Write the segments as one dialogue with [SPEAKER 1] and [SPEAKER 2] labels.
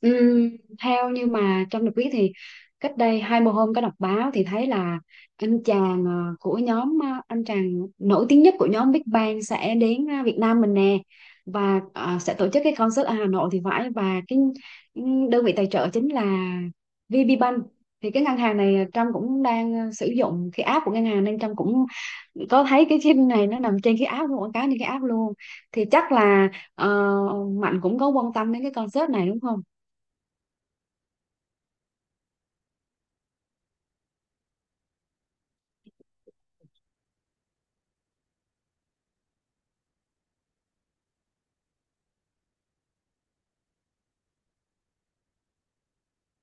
[SPEAKER 1] Ừm, Theo như mà Trâm được biết thì cách đây 20 hôm có đọc báo thì thấy là anh chàng của nhóm, anh chàng nổi tiếng nhất của nhóm Big Bang sẽ đến, Việt Nam mình nè. Và sẽ tổ chức cái concert ở Hà Nội thì phải. Và cái, đơn vị tài trợ chính là VP Bank. Thì cái ngân hàng này, Trâm cũng đang sử dụng cái app của ngân hàng, nên Trâm cũng có thấy cái phim này nó nằm trên cái app luôn, quảng cáo trên cái app luôn. Thì chắc là ờ, Mạnh cũng có quan tâm đến cái concert này, đúng không?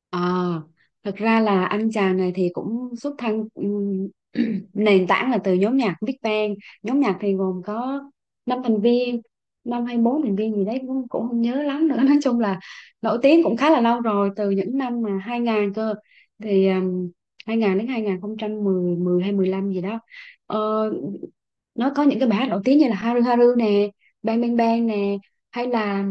[SPEAKER 1] Ờ, Thật ra là anh chàng này thì cũng xuất thân, nền tảng là từ nhóm nhạc Big Bang. Nhóm nhạc thì gồm có năm thành viên, năm hay bốn thành viên gì đấy, cũng không nhớ lắm nữa. Nói chung là nổi tiếng cũng khá là lâu rồi, từ những năm mà 2000 cơ. Thì 2000 đến 2010, mười mười hay 15 gì đó. Ờ, nó có những cái bài hát nổi tiếng như là Haru Haru nè, Bang Bang Bang nè, hay là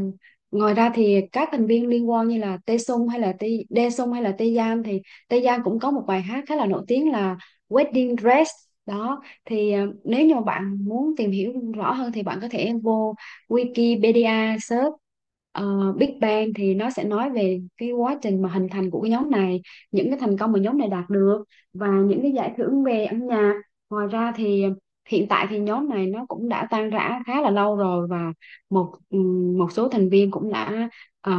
[SPEAKER 1] ngoài ra thì các thành viên liên quan như là Tae, hay là Tae Dae, hay là Tae, thì Tae cũng có một bài hát khá là nổi tiếng là Wedding Dress đó. Thì nếu như mà bạn muốn tìm hiểu rõ hơn thì bạn có thể vô Wikipedia search Big Bang, thì nó sẽ nói về cái quá trình mà hình thành của cái nhóm này, những cái thành công mà nhóm này đạt được, và những cái giải thưởng về âm nhạc. Ngoài ra thì hiện tại thì nhóm này nó cũng đã tan rã khá là lâu rồi, và một ừ, một số thành viên cũng đã ờ,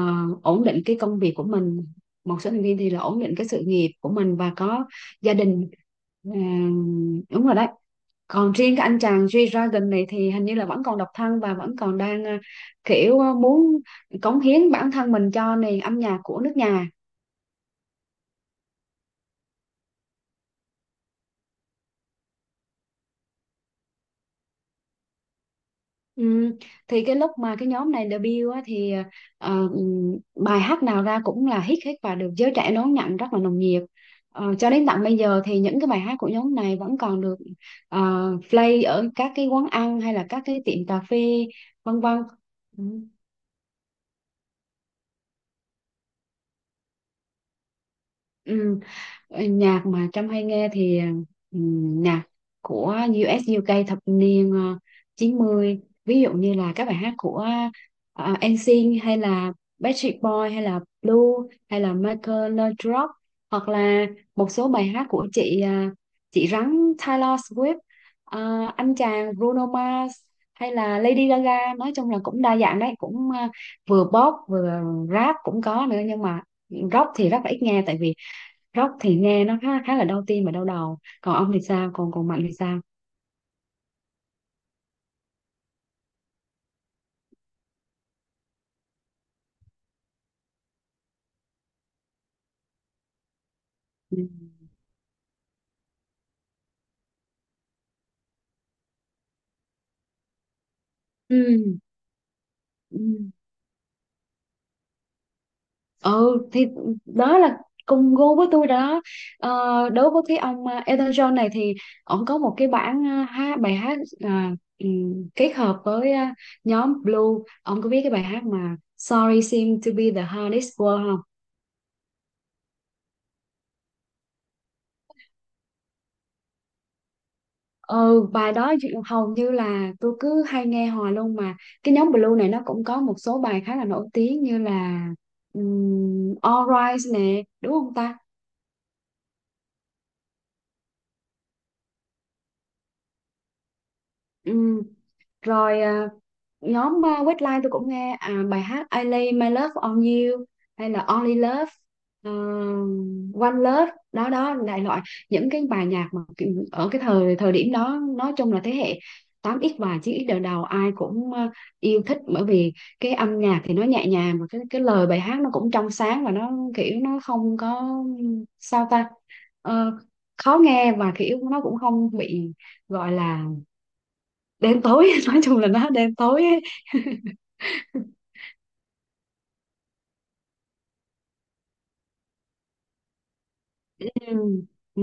[SPEAKER 1] ổn định cái công việc của mình, một số thành viên thì là ổn định cái sự nghiệp của mình và có gia đình. Đúng rồi đấy. Còn riêng cái anh chàng G-Dragon này thì hình như là vẫn còn độc thân, và vẫn còn đang kiểu muốn cống hiến bản thân mình cho nền âm nhạc của nước nhà. Ừ. Thì cái lúc mà cái nhóm này debut á, thì bài hát nào ra cũng là hit hết và được giới trẻ đón nhận rất là nồng nhiệt. Ờ, cho đến tận bây giờ thì những cái bài hát của nhóm này vẫn còn được play ở các cái quán ăn hay là các cái tiệm cà phê, vân vân. Ừ. Ừ. Nhạc mà Trâm hay nghe thì, nhạc của U.S. UK thập niên 90, ví dụ như là các bài hát của NSYNC, hay là Backstreet Boy, hay là Blue, hay là Michael Laudrup, hoặc là một số bài hát của chị rắn Taylor Swift, ờ, anh chàng Bruno Mars, hay là Lady Gaga. Nói chung là cũng đa dạng đấy, cũng vừa pop vừa rap cũng có nữa, nhưng mà rock thì rất là ít nghe, tại vì rock thì nghe nó khá khá là đau tim và đau đầu. Còn ông thì sao? Còn còn Mạnh thì sao? Ừ. Ừ. Ừ. Ừ, thì đó là cùng gu với tôi rồi đó. Ờ, đối với cái ông, Elton John này thì ông có một cái bản, hát bài hát, à, ừ, kết hợp với nhóm Blue. Ông có biết cái bài hát mà Sorry seem to Be the Hardest Word không? Ừ, bài đó hầu như là tôi cứ hay nghe hoài luôn mà. Cái nhóm Blue này nó cũng có một số bài khá là nổi tiếng như là, All Rise nè, đúng không ta? Ừ. Rồi, nhóm Westlife tôi cũng nghe, bài hát I Lay My Love on You, hay là Only Love, ờ, One Love đó đó, đại loại những cái bài nhạc mà ở cái thời thời điểm đó. Nói chung là thế hệ 8x và 9x đời đầu ai cũng yêu thích, bởi vì cái âm nhạc thì nó nhẹ nhàng, và cái lời bài hát nó cũng trong sáng, và nó kiểu nó không có, sao ta, Ờ, khó nghe, và kiểu nó cũng không bị gọi là đen tối, nói chung là nó đen tối ấy. Ừ. Ừ.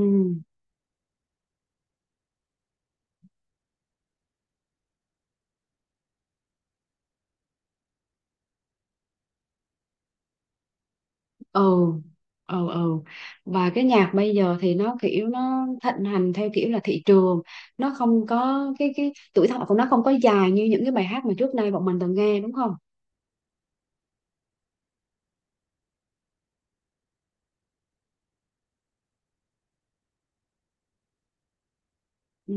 [SPEAKER 1] Ừ. Ừ. Ừ. Và cái nhạc bây giờ thì nó kiểu nó thịnh hành theo kiểu là thị trường, nó không có cái tuổi thọ của nó không có dài như những cái bài hát mà trước nay bọn mình từng nghe, đúng không? Ừ.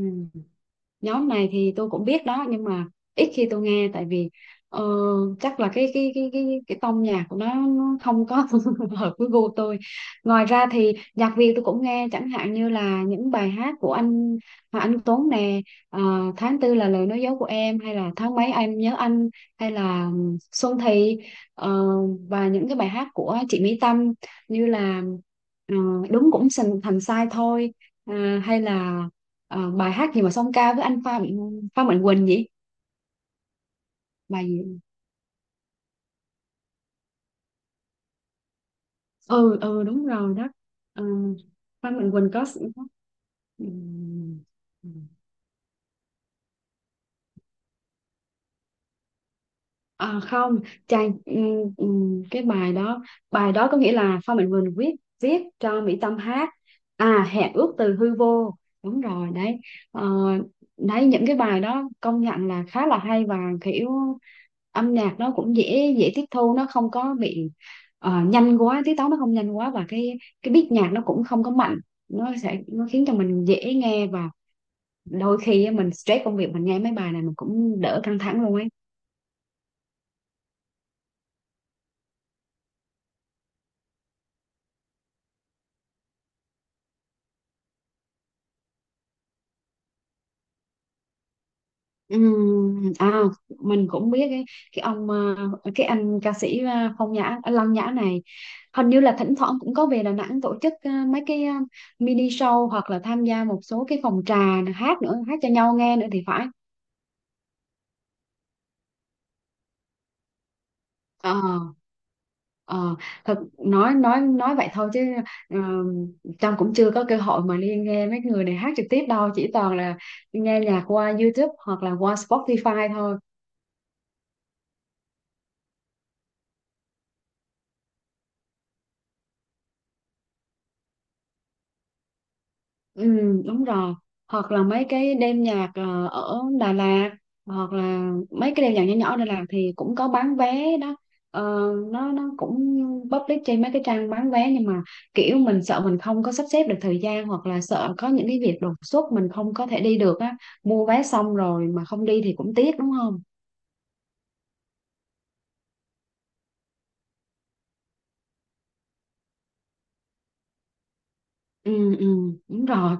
[SPEAKER 1] Nhóm này thì tôi cũng biết đó, nhưng mà ít khi tôi nghe, tại vì ờ, chắc là cái tông nhạc của nó không có hợp với gu tôi. Ngoài ra thì nhạc Việt tôi cũng nghe, chẳng hạn như là những bài hát của anh Hoàng Anh Tuấn nè, ờ, Tháng Tư Là Lời Nói Dối Của Em hay là Tháng Mấy Em Nhớ Anh, hay là Xuân Thị ờ, và những cái bài hát của chị Mỹ Tâm, như là ờ, Đúng Cũng Thành thành Sai Thôi, hay là bài hát gì mà song ca với anh Pha Mạnh Quỳnh vậy, bài gì? Ừ, ừ, đúng rồi đó. Ờ, Pha Mạnh Quỳnh có s- có- Ừ. Không, chàng, cái bài đó có nghĩa là Phan Mạnh Quỳnh viết, cho Mỹ Tâm hát, à Hẹn Ước Từ Hư Vô, đúng rồi đấy. Ờ, đấy những cái bài đó công nhận là khá là hay, và kiểu âm nhạc nó cũng dễ dễ tiếp thu, nó không có bị nhanh quá, tiết tấu nó không nhanh quá, và cái beat nhạc nó cũng không có mạnh, nó sẽ nó khiến cho mình dễ nghe, và đôi khi á, mình stress công việc mình nghe mấy bài này mình cũng đỡ căng thẳng luôn ấy. Ừm, à mình cũng biết cái, ông cái anh ca sĩ, Phong Nhã, Lăng Nhã này, hình như là thỉnh thoảng cũng có về Đà Nẵng tổ chức mấy cái mini show, hoặc là tham gia một số cái phòng trà, hát nữa, hát cho nhau nghe nữa thì phải. Ờ. Ờ, thật, nói vậy thôi, chứ ờ, Trâm cũng chưa có cơ hội mà đi nghe mấy người này hát trực tiếp đâu, chỉ toàn là nghe nhạc qua YouTube hoặc là qua Spotify thôi. Ừ, đúng rồi. Hoặc là mấy cái đêm nhạc ở Đà Lạt, hoặc là mấy cái đêm nhạc nhỏ nhỏ ở Đà Lạt thì cũng có bán vé đó. Ờ, nó cũng public trên mấy cái trang bán vé, nhưng mà kiểu mình sợ mình không có sắp xếp được thời gian, hoặc là sợ có những cái việc đột xuất mình không có thể đi được á. Mua vé xong rồi mà không đi thì cũng tiếc, đúng không? Ừ, ừ, đúng rồi.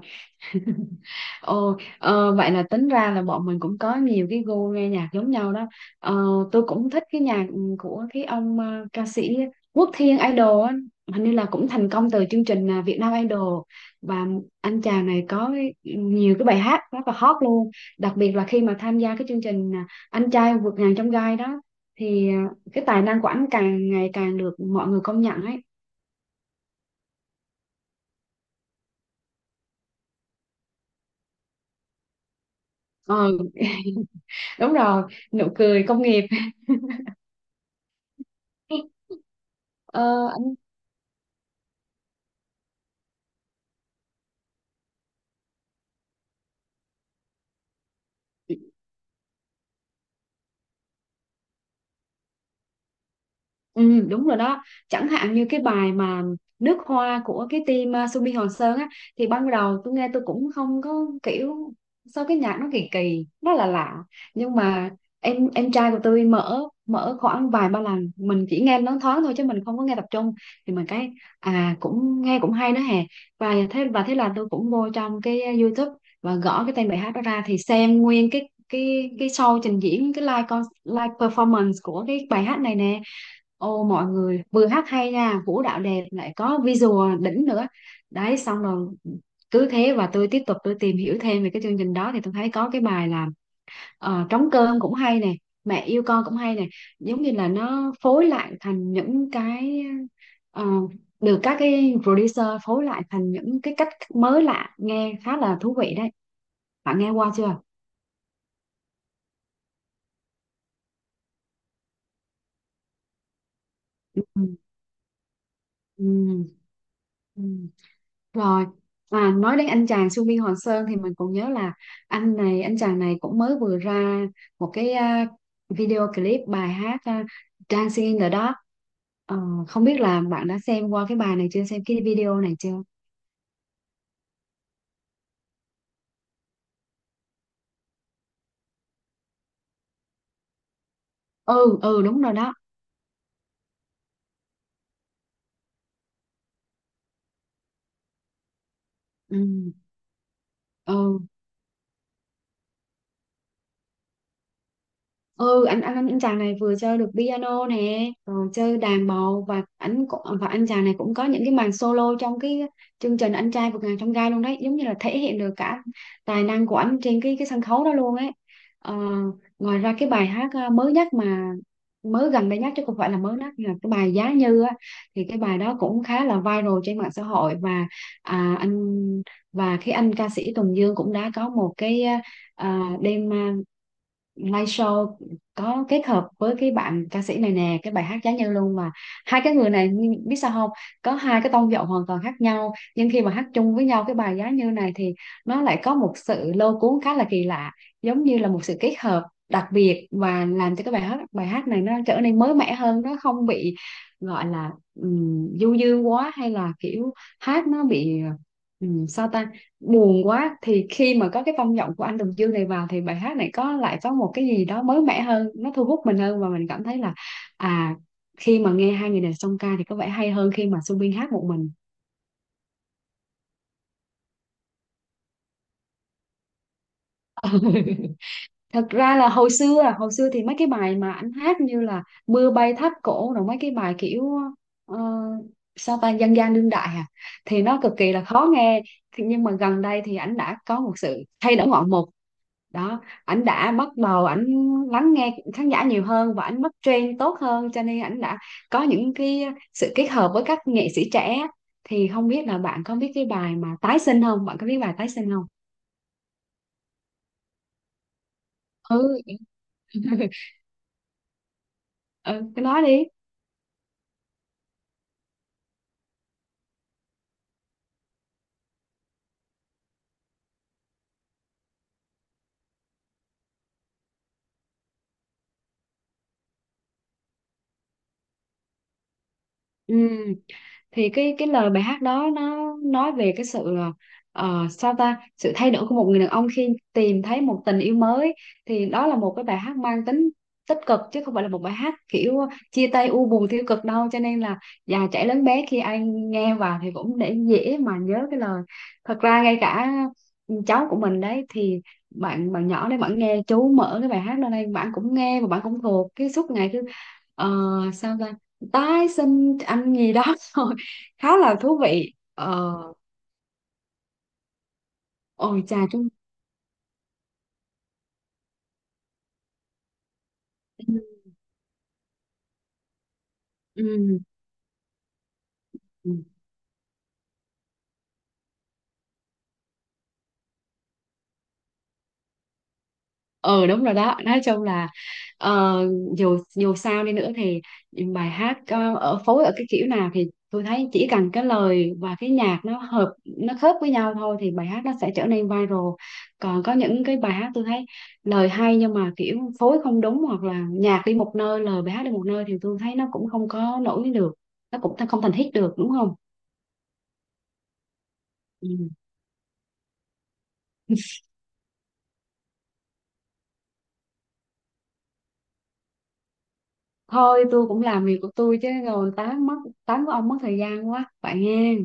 [SPEAKER 1] Ồ, vậy là tính ra là bọn mình cũng có nhiều cái gu nghe nhạc giống nhau đó. Ờ, tôi cũng thích cái nhạc của cái ông ca sĩ Quốc Thiên Idol á. Hình như là cũng thành công từ chương trình Việt Nam Idol, và anh chàng này có nhiều cái bài hát rất là hot luôn. Đặc biệt là khi mà tham gia cái chương trình Anh Trai Vượt Ngàn Chông Gai đó, thì cái tài năng của anh càng ngày càng được mọi người công nhận ấy. Ờ, đúng rồi, nụ cười công nghiệp. Ờ. Ừ, đúng rồi đó. Chẳng hạn như cái bài mà Nước Hoa của cái team Subi Hoàng Sơn á, thì ban đầu tôi nghe tôi cũng không có kiểu, sao cái nhạc nó kỳ kỳ, nó là lạ, lạ. Nhưng mà em trai của tôi mở mở khoảng vài ba lần, mình chỉ nghe nó thoáng thôi chứ mình không có nghe tập trung, thì mình cái, cũng nghe cũng hay đó hè. Và thế là tôi cũng vô trong cái YouTube và gõ cái tên bài hát đó ra thì xem nguyên cái show trình diễn cái live performance của cái bài hát này nè. Ô, mọi người vừa hát hay nha, vũ đạo đẹp, lại có visual đỉnh nữa đấy. Xong rồi cứ thế và tôi tiếp tục tìm hiểu thêm về cái chương trình đó thì tôi thấy có cái bài là trống cơm cũng hay nè, mẹ yêu con cũng hay nè, giống như là nó phối lại thành những cái ờ, được các cái producer phối lại thành những cái cách mới lạ nghe khá là thú vị đấy. Bạn nghe qua chưa? Ừ. Ừ. Rồi, à, nói đến anh chàng Su Biên Hoàng Sơn thì mình còn nhớ là anh chàng này cũng mới vừa ra một cái video clip bài hát, Dancing in the Dark. Ờ, Không biết là bạn đã xem qua cái bài này chưa, xem cái video này chưa? Ừ, ừ đúng rồi đó. Ừ, ừ. Ừ, anh chàng này vừa chơi được piano nè rồi chơi đàn bầu, và anh chàng này cũng có những cái màn solo trong cái chương trình anh trai vượt ngàn chông gai luôn đấy, giống như là thể hiện được cả tài năng của anh trên cái sân khấu đó luôn ấy. Ờ, Ngoài ra cái bài hát mới nhất mà mới gần đây nhất, chứ không phải là mới nhất, là cái bài Giá Như á, thì cái bài đó cũng khá là viral trên mạng xã hội. Và à, anh và cái anh ca sĩ Tùng Dương cũng đã có một cái đêm, live show có kết hợp với cái bạn ca sĩ này nè, cái bài hát Giá Như luôn mà. Hai cái người này nhưng biết sao không, có hai cái tông giọng hoàn toàn khác nhau nhưng khi mà hát chung với nhau cái bài Giá Như này thì nó lại có một sự lôi cuốn khá là kỳ lạ, giống như là một sự kết hợp đặc biệt và làm cho cái bài hát này nó trở nên mới mẻ hơn, nó không bị gọi là du dương quá hay là kiểu hát nó bị sao ta buồn quá. Thì khi mà có cái tông giọng của anh Tùng Dương này vào thì bài hát này có lại có một cái gì đó mới mẻ hơn, nó thu hút mình hơn, và mình cảm thấy là à khi mà nghe hai người này song ca thì có vẻ hay hơn khi mà Subin hát một mình. Thật ra là hồi xưa, hồi xưa thì mấy cái bài mà anh hát như là Mưa Bay Tháp Cổ rồi mấy cái bài kiểu ờ, sao ta dân gian đương đại à thì nó cực kỳ là khó nghe. Thì nhưng mà gần đây thì anh đã có một sự thay đổi ngoạn mục đó, ảnh đã bắt đầu lắng nghe khán giả nhiều hơn và ảnh bắt trend tốt hơn, cho nên ảnh đã có những cái sự kết hợp với các nghệ sĩ trẻ. Thì không biết là bạn có biết cái bài mà Tái Sinh không, bạn có biết bài Tái Sinh không? Ừ. Ừ, cái đó đi. Ừ, thì cái lời bài hát đó nó nói về cái sự ờ, sao ta sự thay đổi của một người đàn ông khi tìm thấy một tình yêu mới. Thì đó là một cái bài hát mang tính tích cực chứ không phải là một bài hát kiểu chia tay u buồn tiêu cực đâu, cho nên là già trẻ lớn bé khi ai nghe vào thì cũng để dễ mà nhớ cái lời. Thật ra ngay cả cháu của mình đấy thì bạn bạn nhỏ đấy, bạn nghe chú mở cái bài hát lên đây, bạn cũng nghe và bạn cũng thuộc cái suốt ngày cứ ờ, sao ta tái sinh anh gì đó rồi, khá là thú vị. Ờ, ôi chà chúng. Ừ. Ừ. Ờ đúng rồi đó, nói chung là ờ, dù dù sao đi nữa thì bài hát ở phối ở cái kiểu nào thì tôi thấy chỉ cần cái lời và cái nhạc nó hợp, nó khớp với nhau thôi thì bài hát nó sẽ trở nên viral. Còn có những cái bài hát tôi thấy lời hay nhưng mà kiểu phối không đúng hoặc là nhạc đi một nơi lời bài hát đi một nơi thì tôi thấy nó cũng không có nổi được, nó cũng không thành hit được, đúng không? Ừ. Thôi tôi cũng làm việc của tôi chứ rồi tán mất, tán của ông mất thời gian quá vậy nghe.